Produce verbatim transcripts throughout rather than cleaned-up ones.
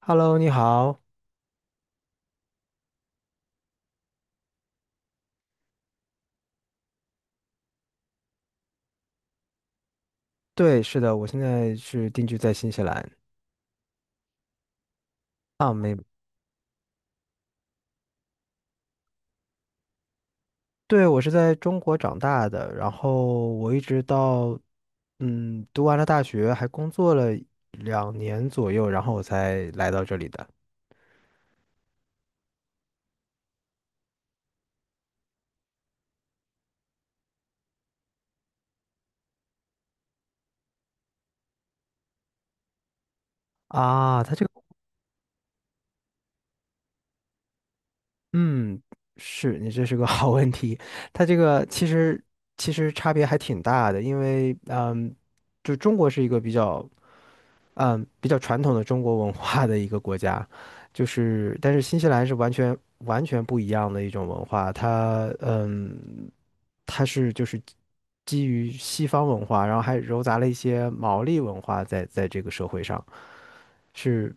Hello，你好。对，是的，我现在是定居在新西兰。对，我是在中国长大的，然后我一直到嗯读完了大学，还工作了两年左右，然后我才来到这里的。啊，它这个嗯，是你这是个 好问题。它这个其实其实差别还挺大的，因为嗯，就中国是一个比较。嗯，比较传统的中国文化的一个国家，就是但是新西兰是完全完全不一样的一种文化，它嗯，它是就是基于西方文化，然后还糅杂了一些毛利文化在在这个社会上，是。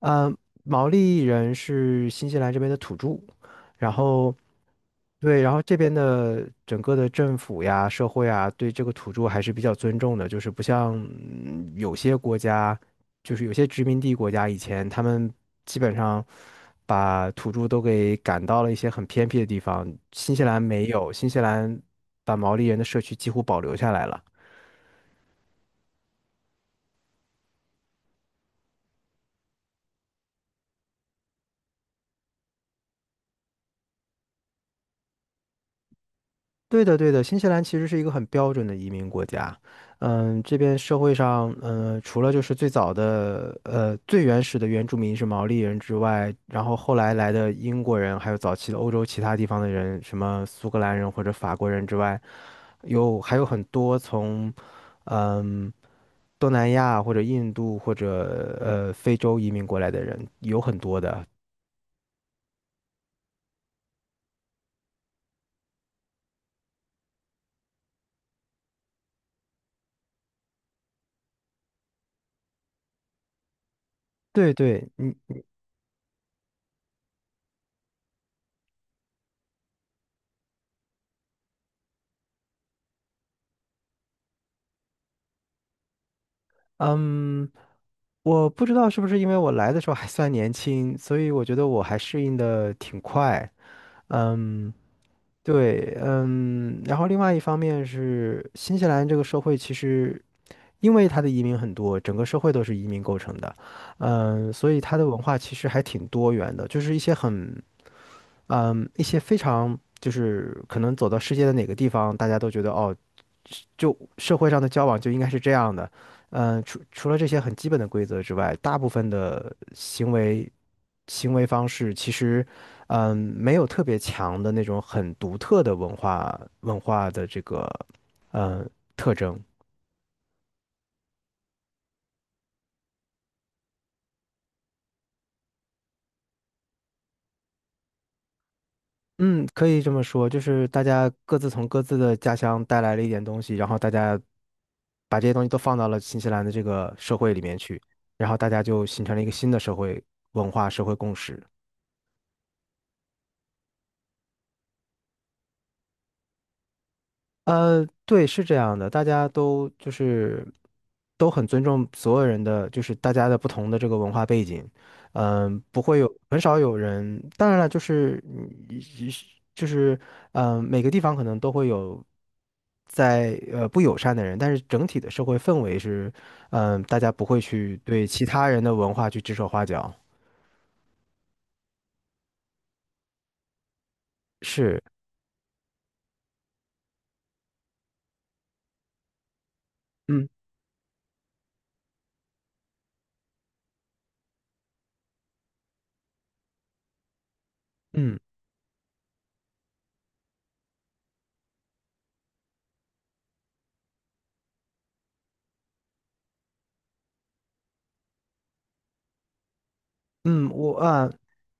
呃，毛利人是新西兰这边的土著，然后对，然后这边的整个的政府呀、社会啊，对这个土著还是比较尊重的，就是不像嗯有些国家，就是有些殖民地国家以前他们基本上把土著都给赶到了一些很偏僻的地方，新西兰没有，新西兰把毛利人的社区几乎保留下来了。对的，对的，新西兰其实是一个很标准的移民国家。嗯，这边社会上，嗯，除了就是最早的，呃，最原始的原住民是毛利人之外，然后后来来的英国人，还有早期的欧洲其他地方的人，什么苏格兰人或者法国人之外，有还有很多从嗯东南亚或者印度或者呃非洲移民过来的人，有很多的。对对，你嗯。嗯我不知道是不是因为我来的时候还算年轻，所以我觉得我还适应的挺快。嗯，对，嗯，然后另外一方面是新西兰这个社会其实因为它的移民很多，整个社会都是移民构成的，嗯，所以它的文化其实还挺多元的，就是一些很，嗯，一些非常就是可能走到世界的哪个地方，大家都觉得哦，就社会上的交往就应该是这样的。嗯，除除了这些很基本的规则之外，大部分的行为行为方式其实，嗯，没有特别强的那种很独特的文化文化的这个嗯特征。嗯，可以这么说，就是大家各自从各自的家乡带来了一点东西，然后大家把这些东西都放到了新西兰的这个社会里面去，然后大家就形成了一个新的社会文化、社会共识。呃，对，是这样的，大家都就是都很尊重所有人的，就是大家的不同的这个文化背景，嗯，不会有很少有人，当然了，就是嗯就是嗯，呃每个地方可能都会有在呃不友善的人，但是整体的社会氛围是，嗯，大家不会去对其他人的文化去指手画脚，是，嗯嗯。嗯，我啊，呃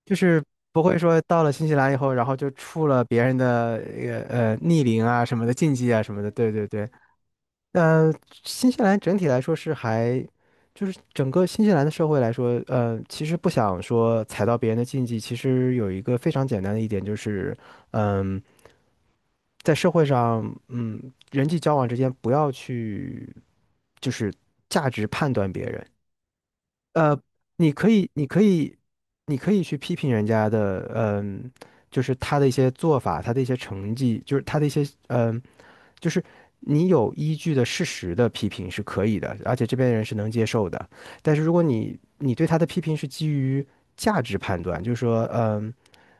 就是不会说到了新西兰以后，然后就触了别人的呃呃逆鳞啊什么的禁忌啊什么的。对对对，呃，新西兰整体来说是还，就是整个新西兰的社会来说，呃，其实不想说踩到别人的禁忌，其实有一个非常简单的一点就是，嗯、在社会上，嗯，人际交往之间不要去，就是价值判断别人。呃，你可以，你可以，你可以去批评人家的，嗯、就是他的一些做法，他的一些成绩，就是他的一些，嗯、就是你有依据的事实的批评是可以的，而且这边人是能接受的。但是如果你你对他的批评是基于价值判断，就是说，嗯、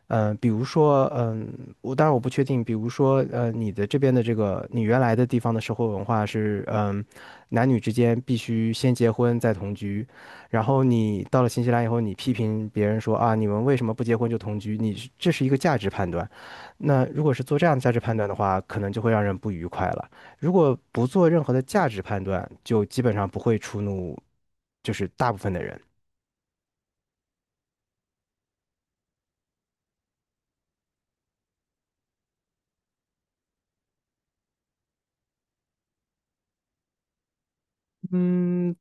嗯、呃比如说，嗯、我当然我不确定，比如说，呃，你的这边的这个，你原来的地方的社会文化是，嗯、男女之间必须先结婚再同居，然后你到了新西兰以后，你批评别人说啊，你们为什么不结婚就同居？你是这是一个价值判断。那如果是做这样的价值判断的话，可能就会让人不愉快了。如果不做任何的价值判断，就基本上不会触怒，就是大部分的人。嗯，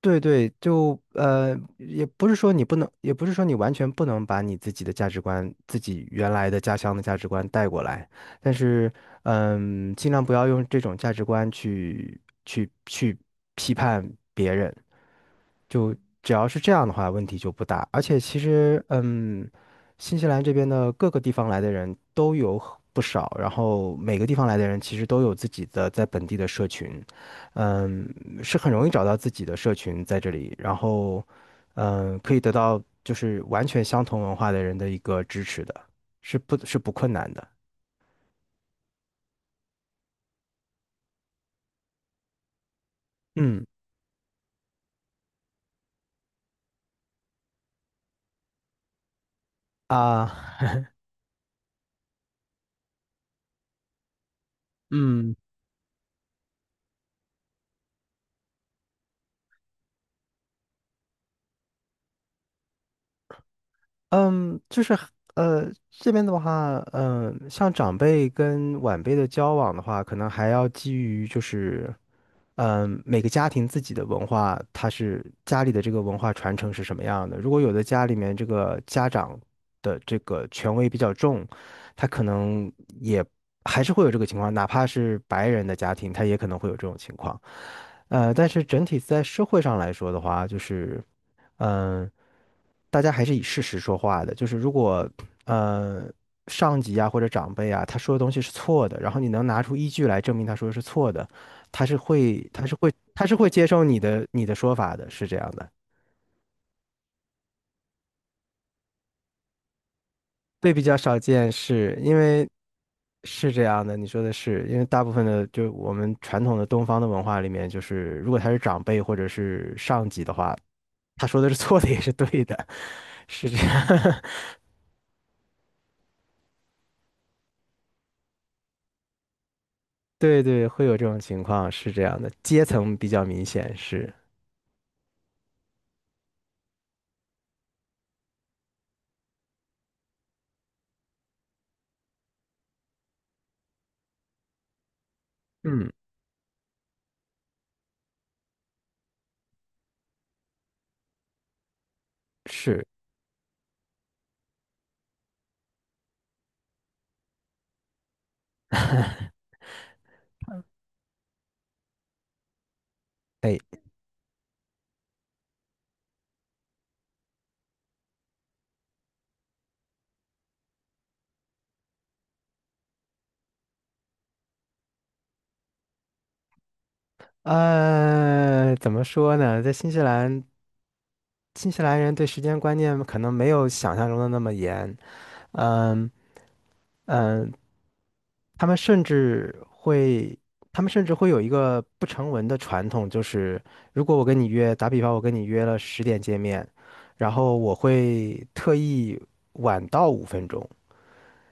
对对，就呃，也不是说你不能，也不是说你完全不能把你自己的价值观、自己原来的家乡的价值观带过来，但是嗯，尽量不要用这种价值观去去去批判别人。就只要是这样的话，问题就不大。而且其实，嗯，新西兰这边的各个地方来的人都有很不少，然后每个地方来的人其实都有自己的在本地的社群，嗯，是很容易找到自己的社群在这里，然后，嗯，可以得到就是完全相同文化的人的一个支持的，是不，是不困难的。嗯啊，嗯。嗯，就是呃，这边的话，嗯、呃像长辈跟晚辈的交往的话，可能还要基于就是，嗯、每个家庭自己的文化，它是家里的这个文化传承是什么样的。如果有的家里面这个家长的这个权威比较重，他可能也还是会有这个情况，哪怕是白人的家庭，他也可能会有这种情况。呃，但是整体在社会上来说的话，就是。嗯，大家还是以事实说话的。就是如果呃上级啊或者长辈啊他说的东西是错的，然后你能拿出依据来证明他说的是错的，他是会他是会他是会接受你的你的说法的，是这样的。对，比较少见，是因为是这样的，你说的是，因为大部分的就我们传统的东方的文化里面，就是如果他是长辈或者是上级的话，他说的是错的也是对的，是这样。对对，会有这种情况，是这样的，阶层比较明显，是，嗯，是，呃，怎么说呢，在新西兰，新西兰人对时间观念可能没有想象中的那么严，嗯嗯，他们甚至会，他们甚至会有一个不成文的传统，就是如果我跟你约，打比方，我跟你约了十点见面，然后我会特意晚到五分钟。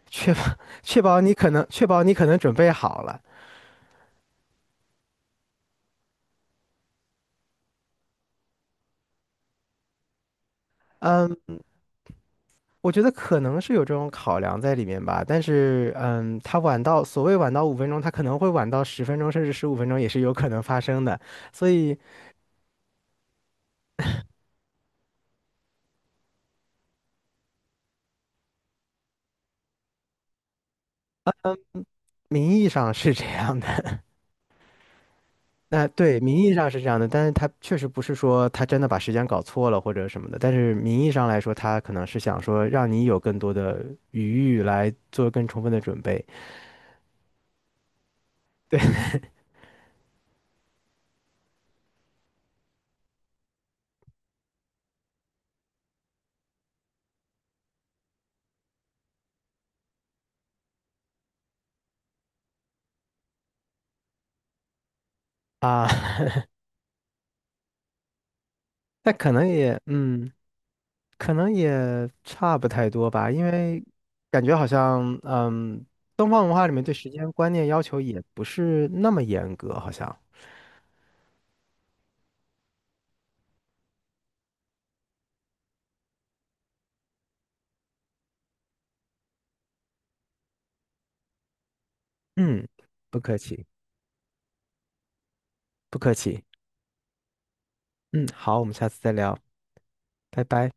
确保 确保你可能确保你可能准备好了。嗯，我觉得可能是有这种考量在里面吧，但是嗯，他晚到所谓晚到五分钟，他可能会晚到十分钟甚至十五分钟也是有可能发生的，所以名义上是这样的。那对，名义上是这样的，但是他确实不是说他真的把时间搞错了或者什么的，但是名义上来说，他可能是想说让你有更多的余裕来做更充分的准备啊，那可能也嗯。可能也差不太多吧，因为感觉好像，嗯，东方文化里面对时间观念要求也不是那么严格，好像。嗯，不客气，不客气。嗯，好，我们下次再聊，拜拜。